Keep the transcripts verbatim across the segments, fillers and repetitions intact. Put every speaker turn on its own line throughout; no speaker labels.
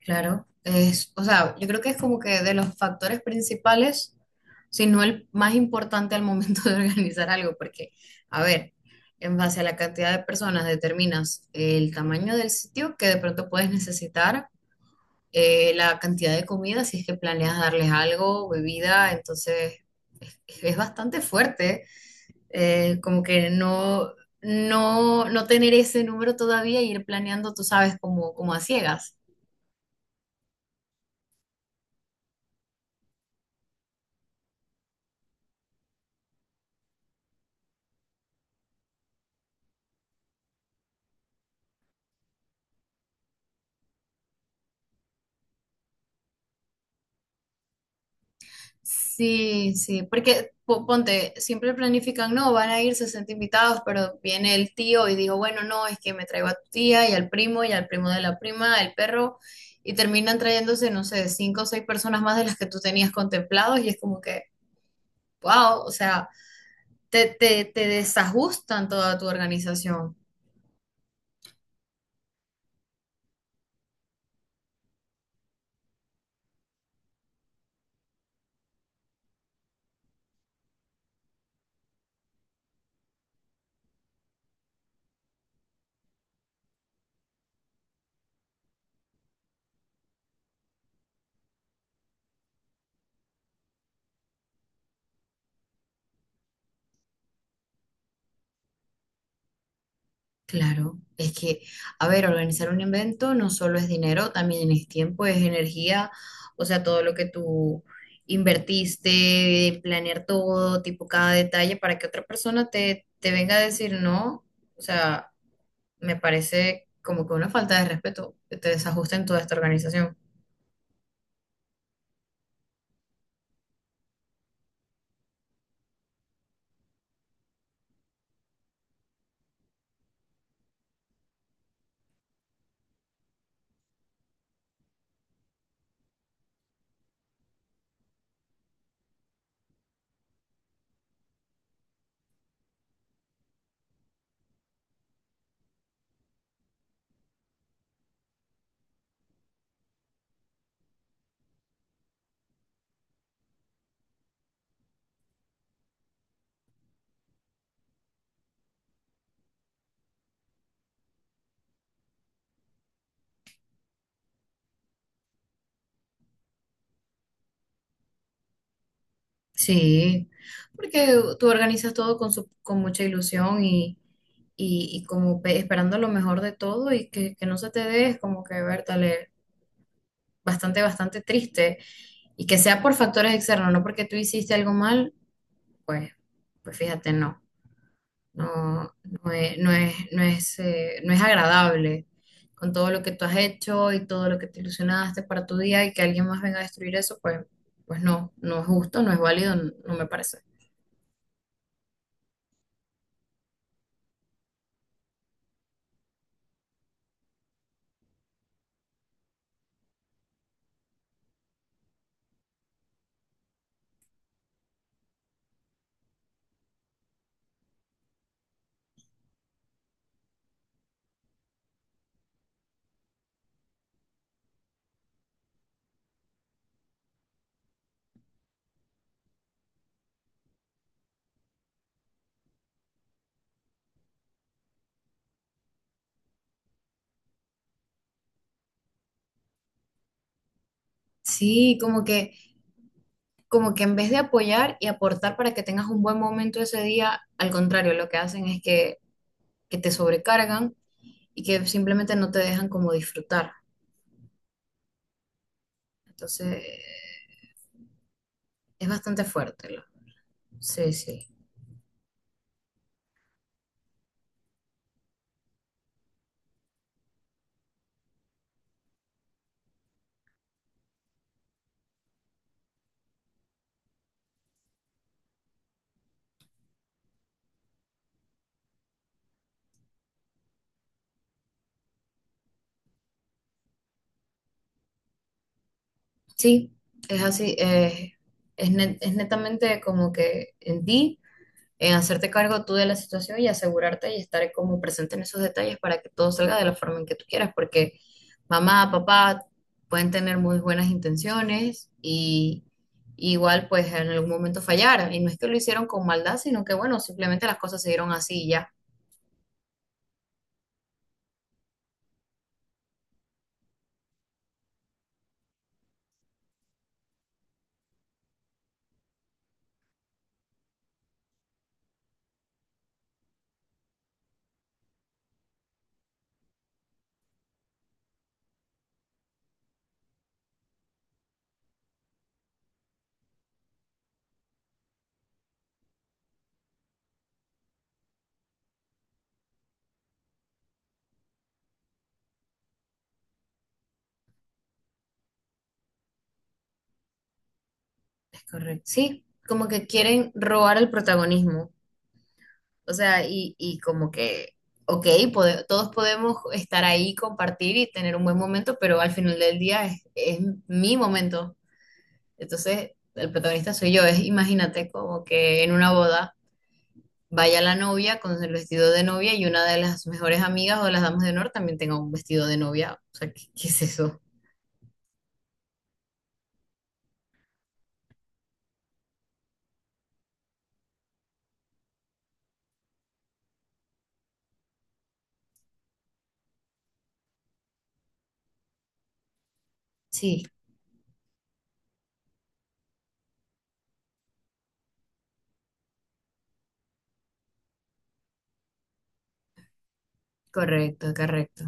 Claro, es, o sea, yo creo que es como que de los factores principales, si no el más importante al momento de organizar algo, porque, a ver, en base a la cantidad de personas determinas el tamaño del sitio que de pronto puedes necesitar, eh, la cantidad de comida, si es que planeas darles algo, bebida, entonces es, es bastante fuerte, eh, como que no, no, no tener ese número todavía y ir planeando, tú sabes, como, como a ciegas. Sí, sí, porque po- ponte, siempre planifican, no, van a ir sesenta invitados, pero viene el tío y dijo, bueno, no, es que me traigo a tu tía y al primo y al primo de la prima, el perro, y terminan trayéndose, no sé, cinco o seis personas más de las que tú tenías contemplados y es como que, wow, o sea, te, te, te desajustan toda tu organización. Claro, es que, a ver, organizar un evento no solo es dinero, también es tiempo, es energía, o sea, todo lo que tú invertiste, planear todo, tipo cada detalle, para que otra persona te, te venga a decir no, o sea, me parece como que una falta de respeto que te desajusta en toda esta organización. Sí, porque tú organizas todo con, su- con mucha ilusión y, y, y como pe- esperando lo mejor de todo y que, que no se te dé, es como que, ver, bastante, bastante triste y que sea por factores externos, no porque tú hiciste algo mal, pues, pues fíjate, no, no, no es, no es, no es, eh, no es agradable con todo lo que tú has hecho y todo lo que te ilusionaste para tu día y que alguien más venga a destruir eso, pues, pues no, no es justo, no es válido, no, no me parece. Sí, como que, como que en vez de apoyar y aportar para que tengas un buen momento ese día, al contrario, lo que hacen es que, que te sobrecargan y que simplemente no te dejan como disfrutar. Entonces, es bastante fuerte. lo- Sí, sí. Sí, es así. Eh, es, net- es netamente como que en ti, en hacerte cargo tú de la situación y asegurarte y estar como presente en esos detalles para que todo salga de la forma en que tú quieras, porque mamá, papá pueden tener muy buenas intenciones y igual pues en algún momento fallar. Y no es que lo hicieron con maldad, sino que bueno, simplemente las cosas se dieron así y ya. Es correcto. Sí, como que quieren robar el protagonismo. O sea, y, y como que, ok, pode- todos podemos estar ahí, compartir y tener un buen momento, pero al final del día es, es mi momento. Entonces, el protagonista soy yo. Es, imagínate como que en una boda vaya la novia con el vestido de novia y una de las mejores amigas o las damas de honor también tenga un vestido de novia. O sea, ¿qué, qué es eso? Sí, correcto, correcto.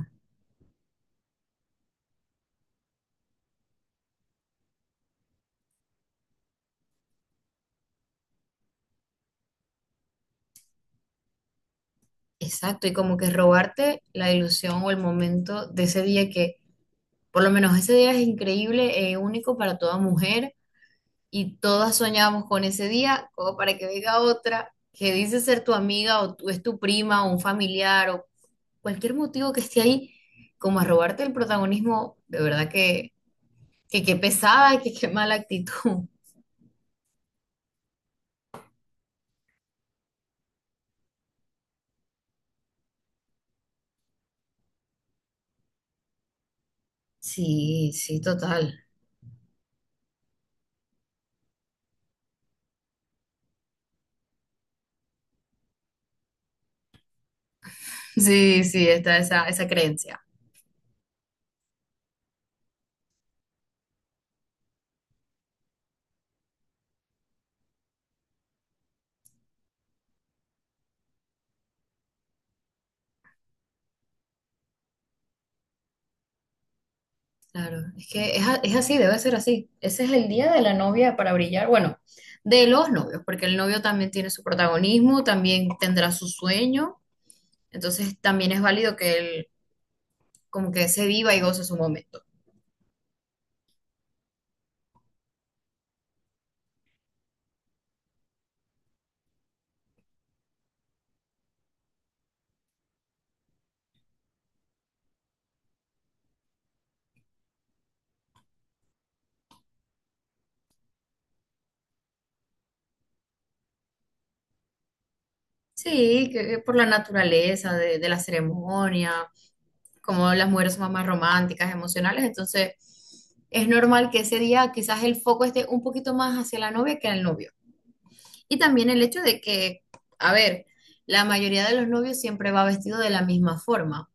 Exacto, y como que robarte la ilusión o el momento de ese día que por lo menos ese día es increíble, eh, único para toda mujer y todas soñamos con ese día, como para que venga otra que dice ser tu amiga o tú, es tu prima o un familiar o cualquier motivo que esté ahí, como a robarte el protagonismo, de verdad que, que qué pesada, que qué mala actitud. Sí, sí, total. Sí, sí, está esa, esa creencia. Claro, es que es, a- es así, debe ser así. Ese es el día de la novia para brillar. Bueno, de los novios, porque el novio también tiene su protagonismo, también tendrá su sueño, entonces también es válido que él como que se viva y goce su momento. Sí, que, que por la naturaleza de, de la ceremonia, como las mujeres son más románticas, emocionales, entonces es normal que ese día quizás el foco esté un poquito más hacia la novia que al novio. Y también el hecho de que, a ver, la mayoría de los novios siempre va vestido de la misma forma.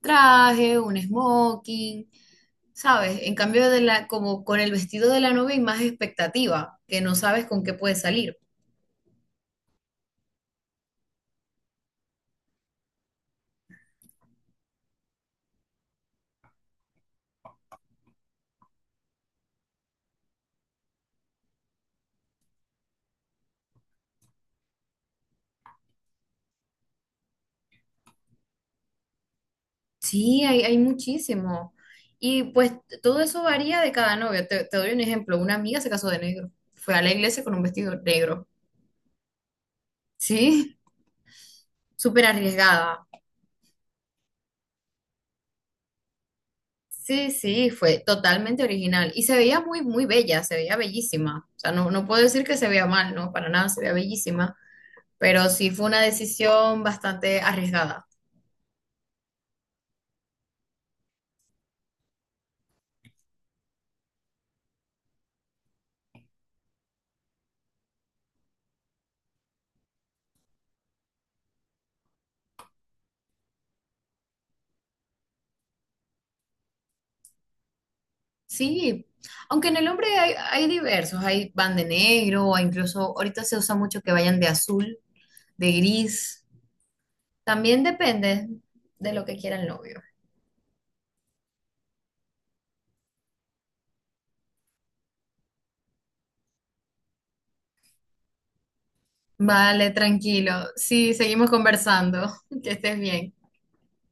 Traje, un smoking, ¿sabes? En cambio de la, como con el vestido de la novia hay más expectativa, que no sabes con qué puede salir. Sí, hay, hay muchísimo. Y pues todo eso varía de cada novio. Te, te doy un ejemplo. Una amiga se casó de negro. Fue a la iglesia con un vestido negro. Sí, súper arriesgada. Sí, sí, fue totalmente original y se veía muy, muy bella, se veía bellísima. O sea, no, no puedo decir que se vea mal, no, para nada, se veía bellísima, pero sí fue una decisión bastante arriesgada. Sí, aunque en el hombre hay, hay diversos, hay van de negro o incluso ahorita se usa mucho que vayan de azul, de gris. También depende de lo que quiera el novio. Vale, tranquilo. Sí, seguimos conversando. Que estés bien.